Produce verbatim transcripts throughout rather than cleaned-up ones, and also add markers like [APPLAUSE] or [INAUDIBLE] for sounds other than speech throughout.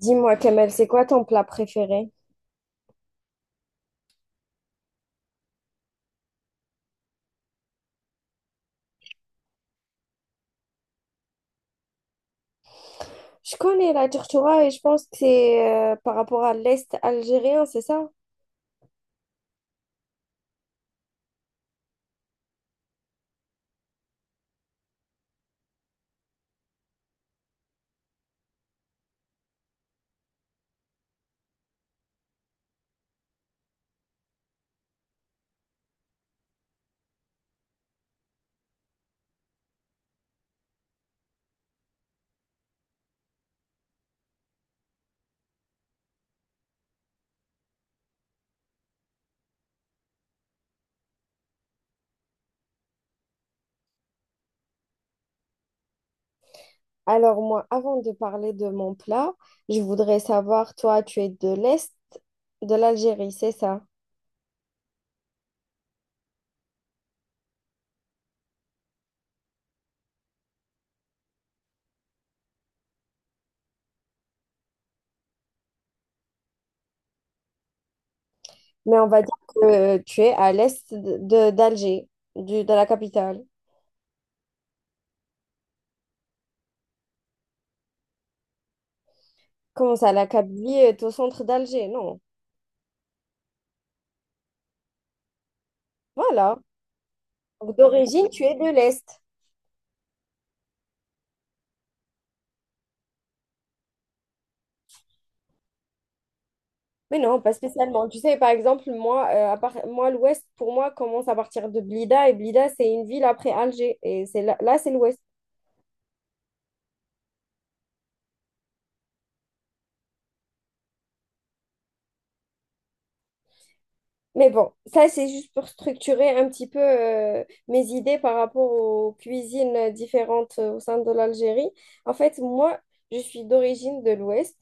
Dis-moi, Kamel, c'est quoi ton plat préféré? Je connais la tortura et je pense que c'est euh, par rapport à l'Est algérien, c'est ça? Alors moi, avant de parler de mon plat, je voudrais savoir, toi, tu es de l'Est de l'Algérie, c'est ça? Mais on va dire que tu es à l'Est de, de- d'Alger, du- de la capitale. Comment ça, la Kabylie est au centre d'Alger? Non. Voilà. Donc, d'origine, tu es de l'Est. Mais non, pas spécialement. Tu sais, par exemple, moi, euh, à part- moi l'Ouest, pour moi, commence à partir de Blida. Et Blida, c'est une ville après Alger. Et c'est là, là, c'est l'Ouest. Mais bon, ça, c'est juste pour structurer un petit peu euh, mes idées par rapport aux cuisines différentes euh, au sein de l'Algérie. En fait, moi, je suis d'origine de l'Ouest.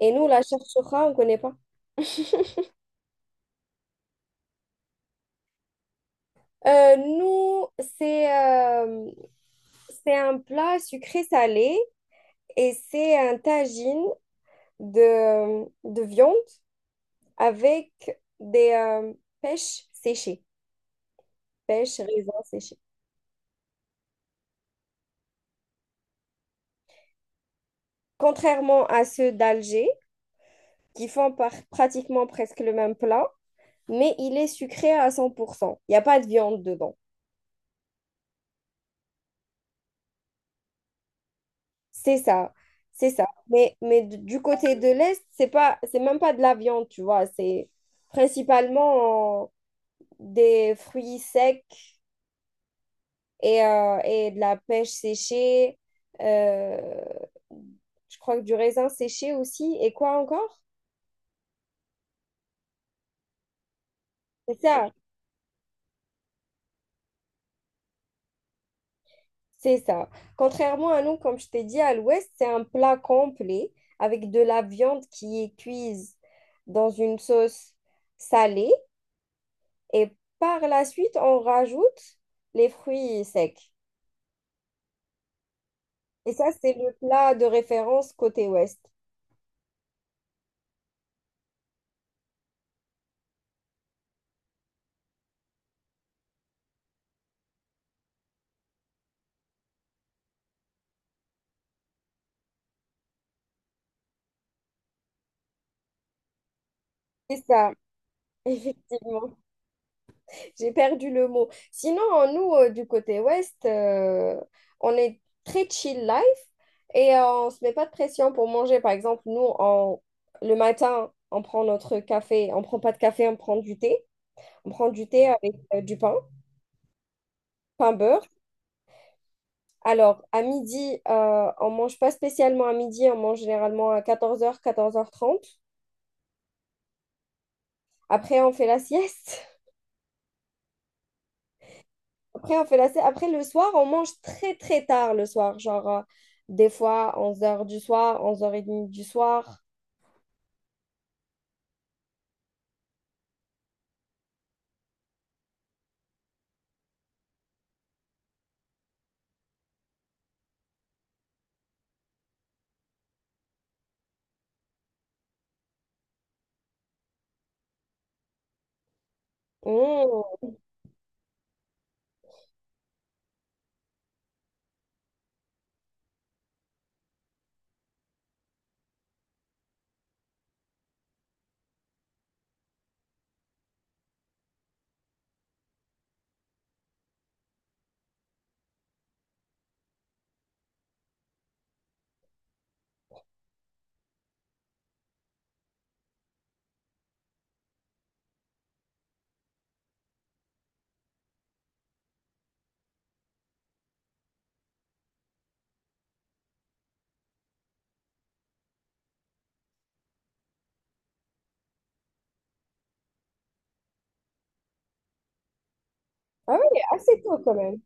Et nous, la chouchoura, on ne connaît pas. Euh, nous, c'est euh, c'est un plat sucré-salé et c'est un tagine de, de viande avec des euh, pêches séchées, pêches, raisins séchés. Contrairement à ceux d'Alger, qui font par- pratiquement presque le même plat, mais il est sucré à cent pour cent. Il n'y a pas de viande dedans. C'est ça, c'est ça. Mais, mais d- du côté de l'Est, c'est pas, c'est même pas de la viande, tu vois. C'est principalement des fruits secs et, euh, et de la pêche séchée. euh, je crois que du raisin séché aussi. Et quoi encore? C'est ça, c'est ça. Contrairement à nous, comme je t'ai dit, à l'ouest, c'est un plat complet avec de la viande qui est cuise dans une sauce salée. Et par la suite, on rajoute les fruits secs. Et ça, c'est le plat de référence côté ouest. C'est ça, [LAUGHS] effectivement. J'ai perdu le mot. Sinon, nous, euh, du côté ouest, euh, on est très chill life et euh, on ne se met pas de pression pour manger. Par exemple, nous, on- le matin, on prend notre café. On ne prend pas de café, on prend du thé. On prend du thé avec euh, du pain, pain beurre. Alors, à midi, euh, on ne mange pas spécialement à midi, on mange généralement à quatorze heures quatorze heures trente. Après, on fait la sieste. Après, on fait la... sé- après, le soir, on mange très, très tard le soir. Genre, euh, des fois, onze heures du soir, onze heures trente du soir. Oh. Ah oui, assez tôt quand même.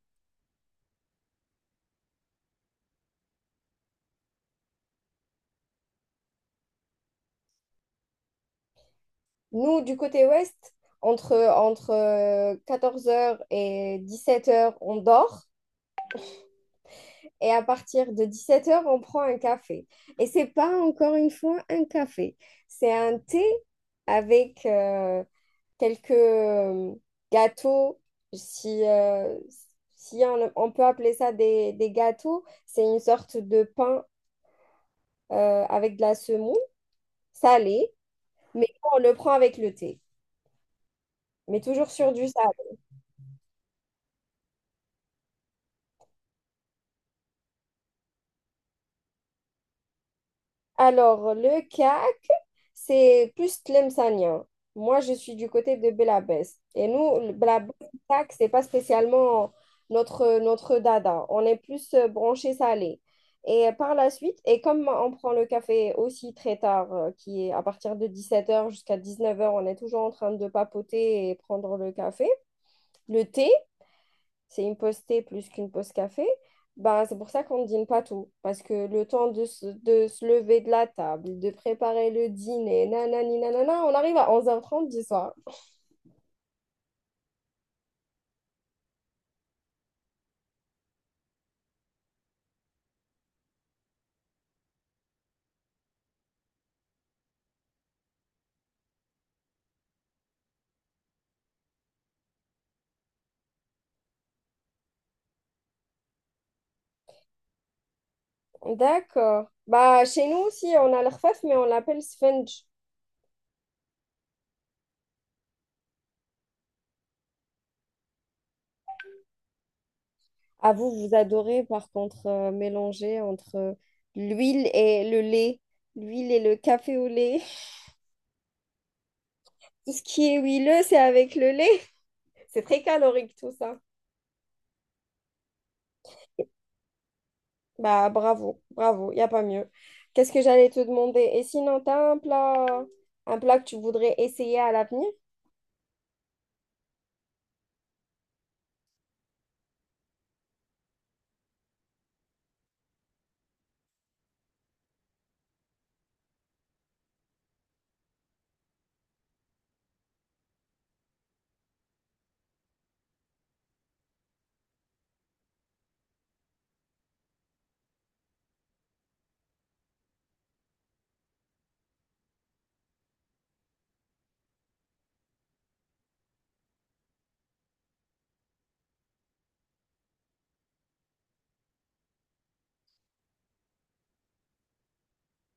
Nous, du côté ouest, entre, entre euh, quatorze heures et dix sept heures, on dort. Et à partir de dix sept heures, on prend un café. Et c'est pas encore une fois un café. C'est un thé avec euh, quelques euh, gâteaux, si, euh, si on, on peut appeler ça des, des gâteaux, c'est une sorte de pain euh, avec de la semoule salée, mais on le prend avec le thé, mais toujours sur du sable. Alors, le cas c'est plus Tlemcenien. Moi, je suis du côté de Belabès. Et nous, le Belabès, tac, c'est pas spécialement notre, notre dada. On est plus euh, branché salé. Et par la suite, et comme on prend le café aussi très tard, euh, qui est à partir de dix-sept heures jusqu'à dix-neuf heures, on est toujours en train de papoter et prendre le café, le thé c'est une pause thé plus qu'une pause café, ben, c'est pour ça qu'on ne dîne pas tout. Parce que le temps de se, de se lever de la table, de préparer le dîner, nanani, nanana, on arrive à onze heures trente du soir. D'accord. Bah, chez nous aussi, on a l'rfaf, mais on l'appelle sponge. Ah, vous, vous adorez, par contre, euh, mélanger entre euh, l'huile et le lait. L'huile et le café au lait. [LAUGHS] Tout ce qui est huileux, c'est avec le lait. [LAUGHS] C'est très calorique, tout ça. Bah, bravo, bravo, il n'y a pas mieux. Qu'est-ce que j'allais te demander? Et sinon, tu as un plat, un plat que tu voudrais essayer à l'avenir?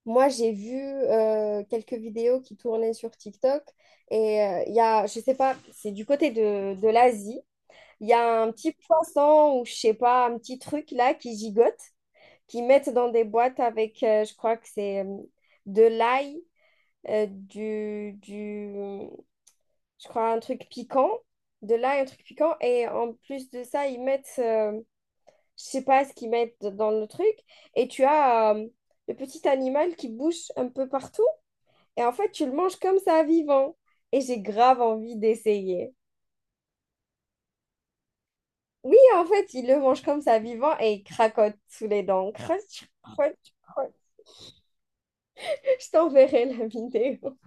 Moi, j'ai vu euh, quelques vidéos qui tournaient sur TikTok et euh, il y a, je sais pas, c'est du côté de, de l'Asie. Il y a un petit poisson ou je sais pas, un petit truc là qui gigote, qui mettent dans des boîtes avec, euh, je crois que c'est euh, de l'ail, euh, du, du, je crois un truc piquant, de l'ail, un truc piquant. Et en plus de ça, ils mettent, euh, je sais pas ce qu'ils mettent dans le truc. Et tu as euh, le petit animal qui bouge un peu partout. Et en fait, tu le manges comme ça, vivant. Et j'ai grave envie d'essayer. Oui, en fait, il le mange comme ça, vivant, et il cracote sous les dents. Croche, croche, croche. Je t'enverrai la vidéo.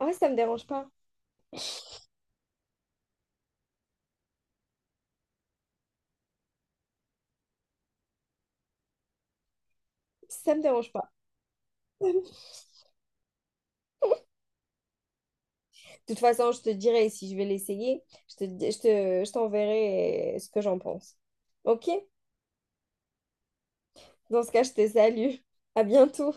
Ah, ouais, ça me dérange pas. Ça me dérange pas. [LAUGHS] De toute façon, je te dirai si je vais l'essayer. Je te, di- je te, je t'enverrai ce que j'en pense. Ok? Dans ce cas, je te salue. À bientôt.